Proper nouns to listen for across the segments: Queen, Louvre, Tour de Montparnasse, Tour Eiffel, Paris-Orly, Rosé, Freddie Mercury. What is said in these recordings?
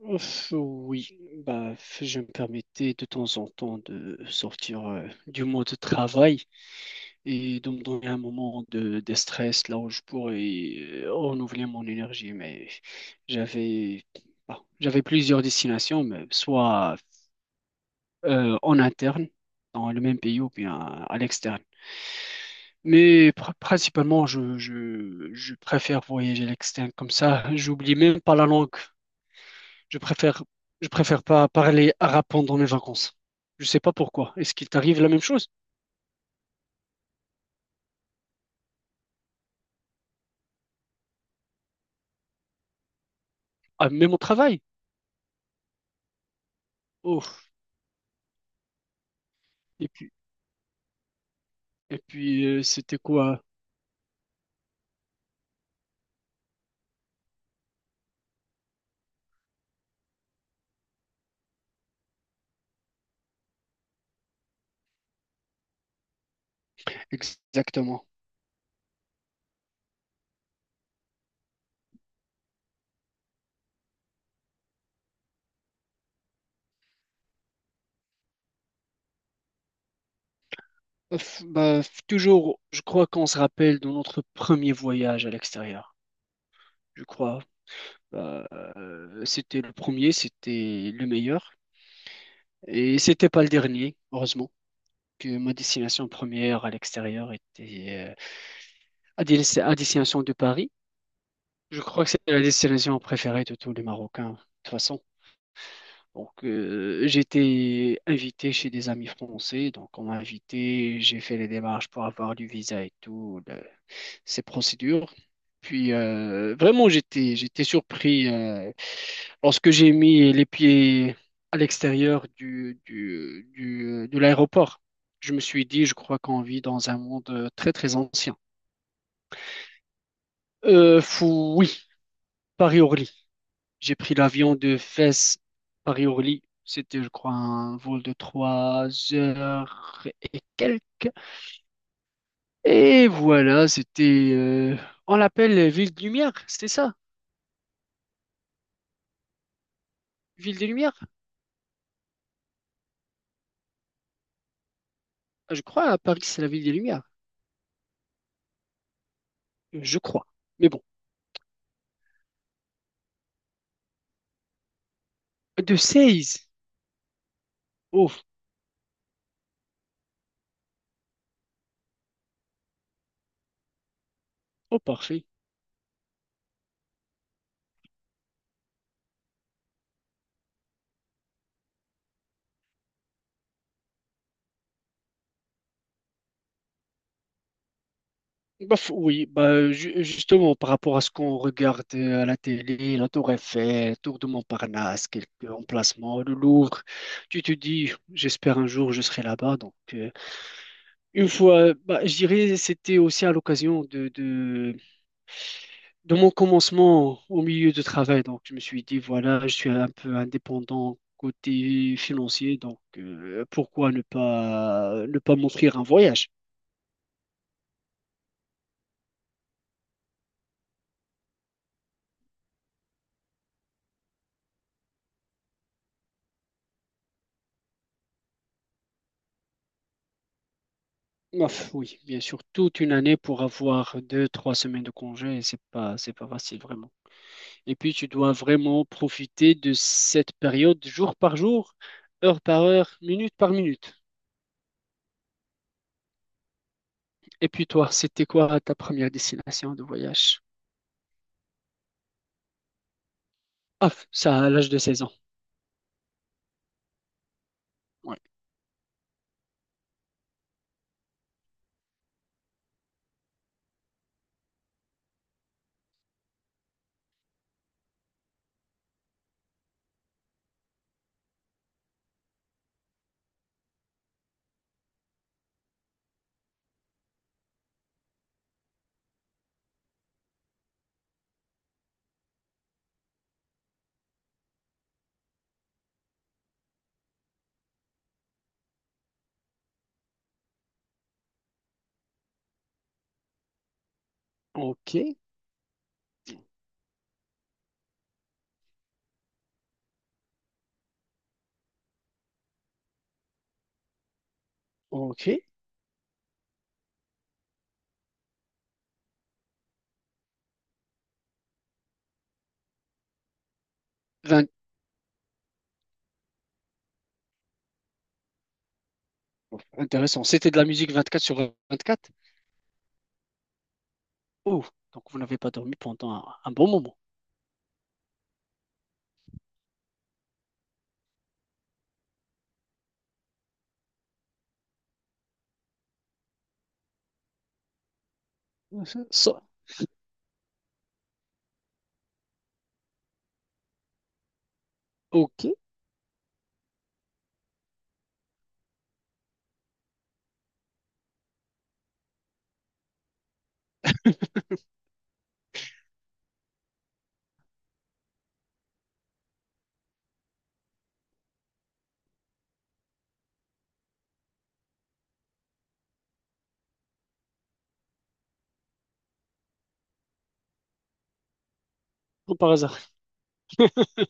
Ouf, oui, bah, je me permettais de temps en temps de sortir du mode travail et de me donner un moment de stress là où je pourrais renouveler mon énergie. Mais j'avais, bah, j'avais plusieurs destinations, mais soit en interne, dans le même pays ou bien à l'externe. Mais principalement, je préfère voyager à l'externe comme ça. J'oublie même pas la langue. Je préfère, je préfère pas parler arabe pendant mes vacances. Je sais pas pourquoi. Est-ce qu'il t'arrive la même chose? Ah, même au travail? Oh. Et puis, et puis, c'était quoi exactement? Ouf, bah, toujours, je crois qu'on se rappelle de notre premier voyage à l'extérieur. Je crois. Bah, c'était le premier, c'était le meilleur. Et c'était pas le dernier, heureusement, que ma destination première à l'extérieur était à destination de Paris. Je crois que c'est la destination préférée de tous les Marocains, de toute façon. Donc, j'étais invité chez des amis français, donc on m'a invité, j'ai fait les démarches pour avoir du visa et tout, ces procédures. Puis, vraiment, j'étais surpris lorsque j'ai mis les pieds à l'extérieur de l'aéroport. Je me suis dit, je crois qu'on vit dans un monde très, très ancien. Fou, oui, Paris-Orly. J'ai pris l'avion de Fès, Paris-Orly. C'était, je crois, un vol de 3 heures et quelques. Et voilà, on l'appelle Ville de Lumière, c'était ça? Ville des Lumières? Ah, je crois, à Paris, c'est la Ville des Lumières. Je crois. Mais bon, de 16. Oh, oh, parfait. Bah, oui, bah, justement, par rapport à ce qu'on regarde à la télé, la Tour Eiffel, Tour de Montparnasse, quelques emplacements, le Louvre, tu te dis, j'espère un jour je serai là-bas. Donc, une fois, bah, je dirais, c'était aussi à l'occasion de mon commencement au milieu de travail. Donc, je me suis dit, voilà, je suis un peu indépendant côté financier, donc pourquoi ne pas m'offrir un voyage? Ouf, oui, bien sûr, toute une année pour avoir 2, 3 semaines de congé, et c'est pas facile vraiment. Et puis tu dois vraiment profiter de cette période jour par jour, heure par heure, minute par minute. Et puis toi, c'était quoi ta première destination de voyage? Ah, ça à l'âge de 16 ans. Ouais. Ok, ok. 20... Intéressant. C'était de la musique 24 sur 24. Oh, donc vous n'avez pas dormi pendant un bon moment. Ça- ça- Ok. Par hasard.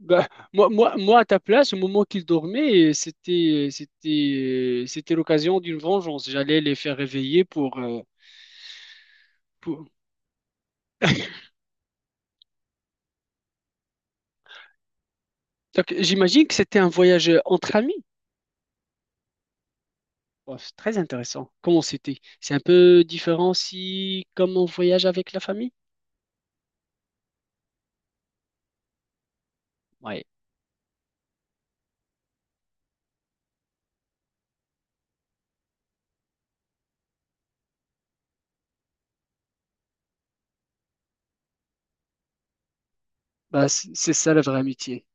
Bah, moi, à ta place, au moment qu'ils dormaient, c'était l'occasion d'une vengeance. J'allais les faire réveiller pour... Donc, j'imagine que c'était un voyage entre amis. Bon, c'est très intéressant. Comment c'était? C'est un peu différent si, comme on voyage avec la famille? Oui. Bah, c'est ça la vraie amitié.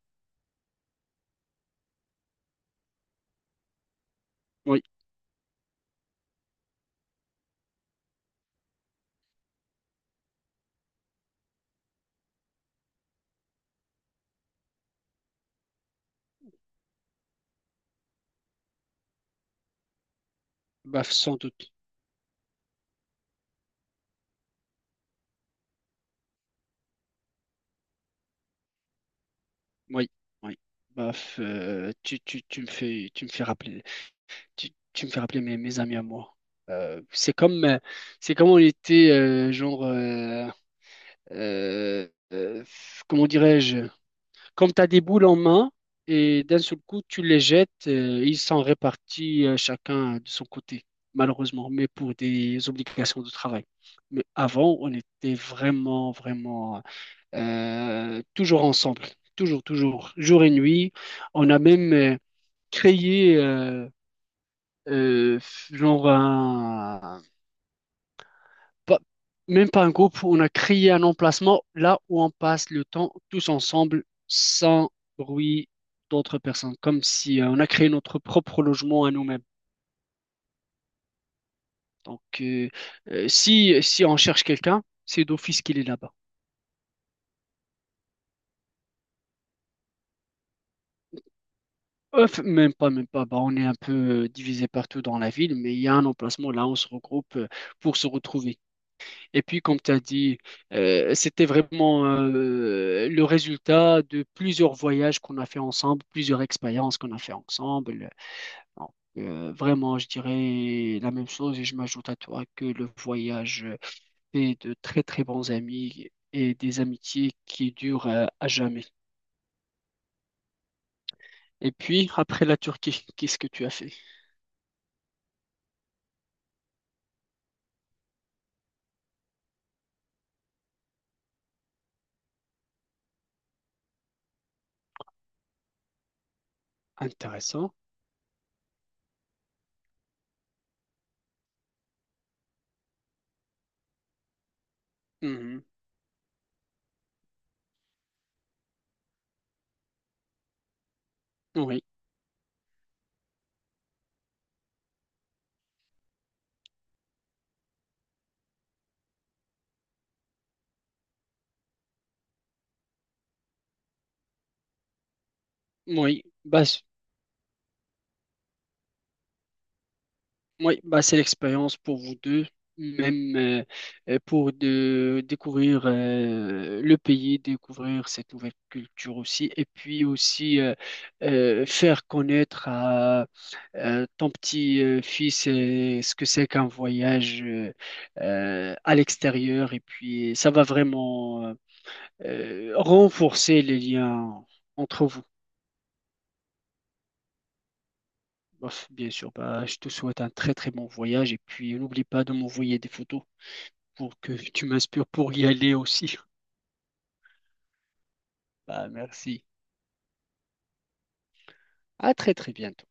Oui. Bah, sans doute. Oui. Oui. Bah, tu me fais rappeler. Tu me fais rappeler mes amis à moi. Euh, c'est comme, euh, c'est comme on était, genre, euh, euh, comment dirais-je, comme tu as des boules en main et d'un seul coup, tu les jettes, ils sont répartis chacun de son côté, malheureusement, mais pour des obligations de travail. Mais avant, on était vraiment, vraiment toujours ensemble, toujours, toujours, jour et nuit. On a même créé, euh, genre pas- même pas un groupe, on a créé un emplacement là où on passe le temps tous ensemble sans bruit d'autres personnes, comme si on a créé notre propre logement à nous-mêmes. Donc si on cherche quelqu'un, c'est d'office qu'il est là-bas. Même pas, même pas. Bah, on est un peu divisé partout dans la ville, mais il y a un emplacement là où on se regroupe pour se retrouver. Et puis, comme tu as dit, c'était vraiment le résultat de plusieurs voyages qu'on a fait ensemble, plusieurs expériences qu'on a fait ensemble. Donc, vraiment, je dirais la même chose et je m'ajoute à toi que le voyage fait de très, très bons amis et des amitiés qui durent à jamais. Et puis, après la Turquie, qu'est-ce que tu as fait? Intéressant. Mhm. Oui, oui. Bah, oui, bah, c'est l'expérience pour vous deux, même pour de découvrir le pays, découvrir cette nouvelle culture aussi, et puis aussi faire connaître à ton petit fils ce que c'est qu'un voyage à l'extérieur, et puis ça va vraiment renforcer les liens entre vous. Bof, bien sûr, bah, je te souhaite un très très bon voyage et puis n'oublie pas de m'envoyer des photos, pour que tu m'inspires pour y aller aussi. Bah, merci. À très très bientôt.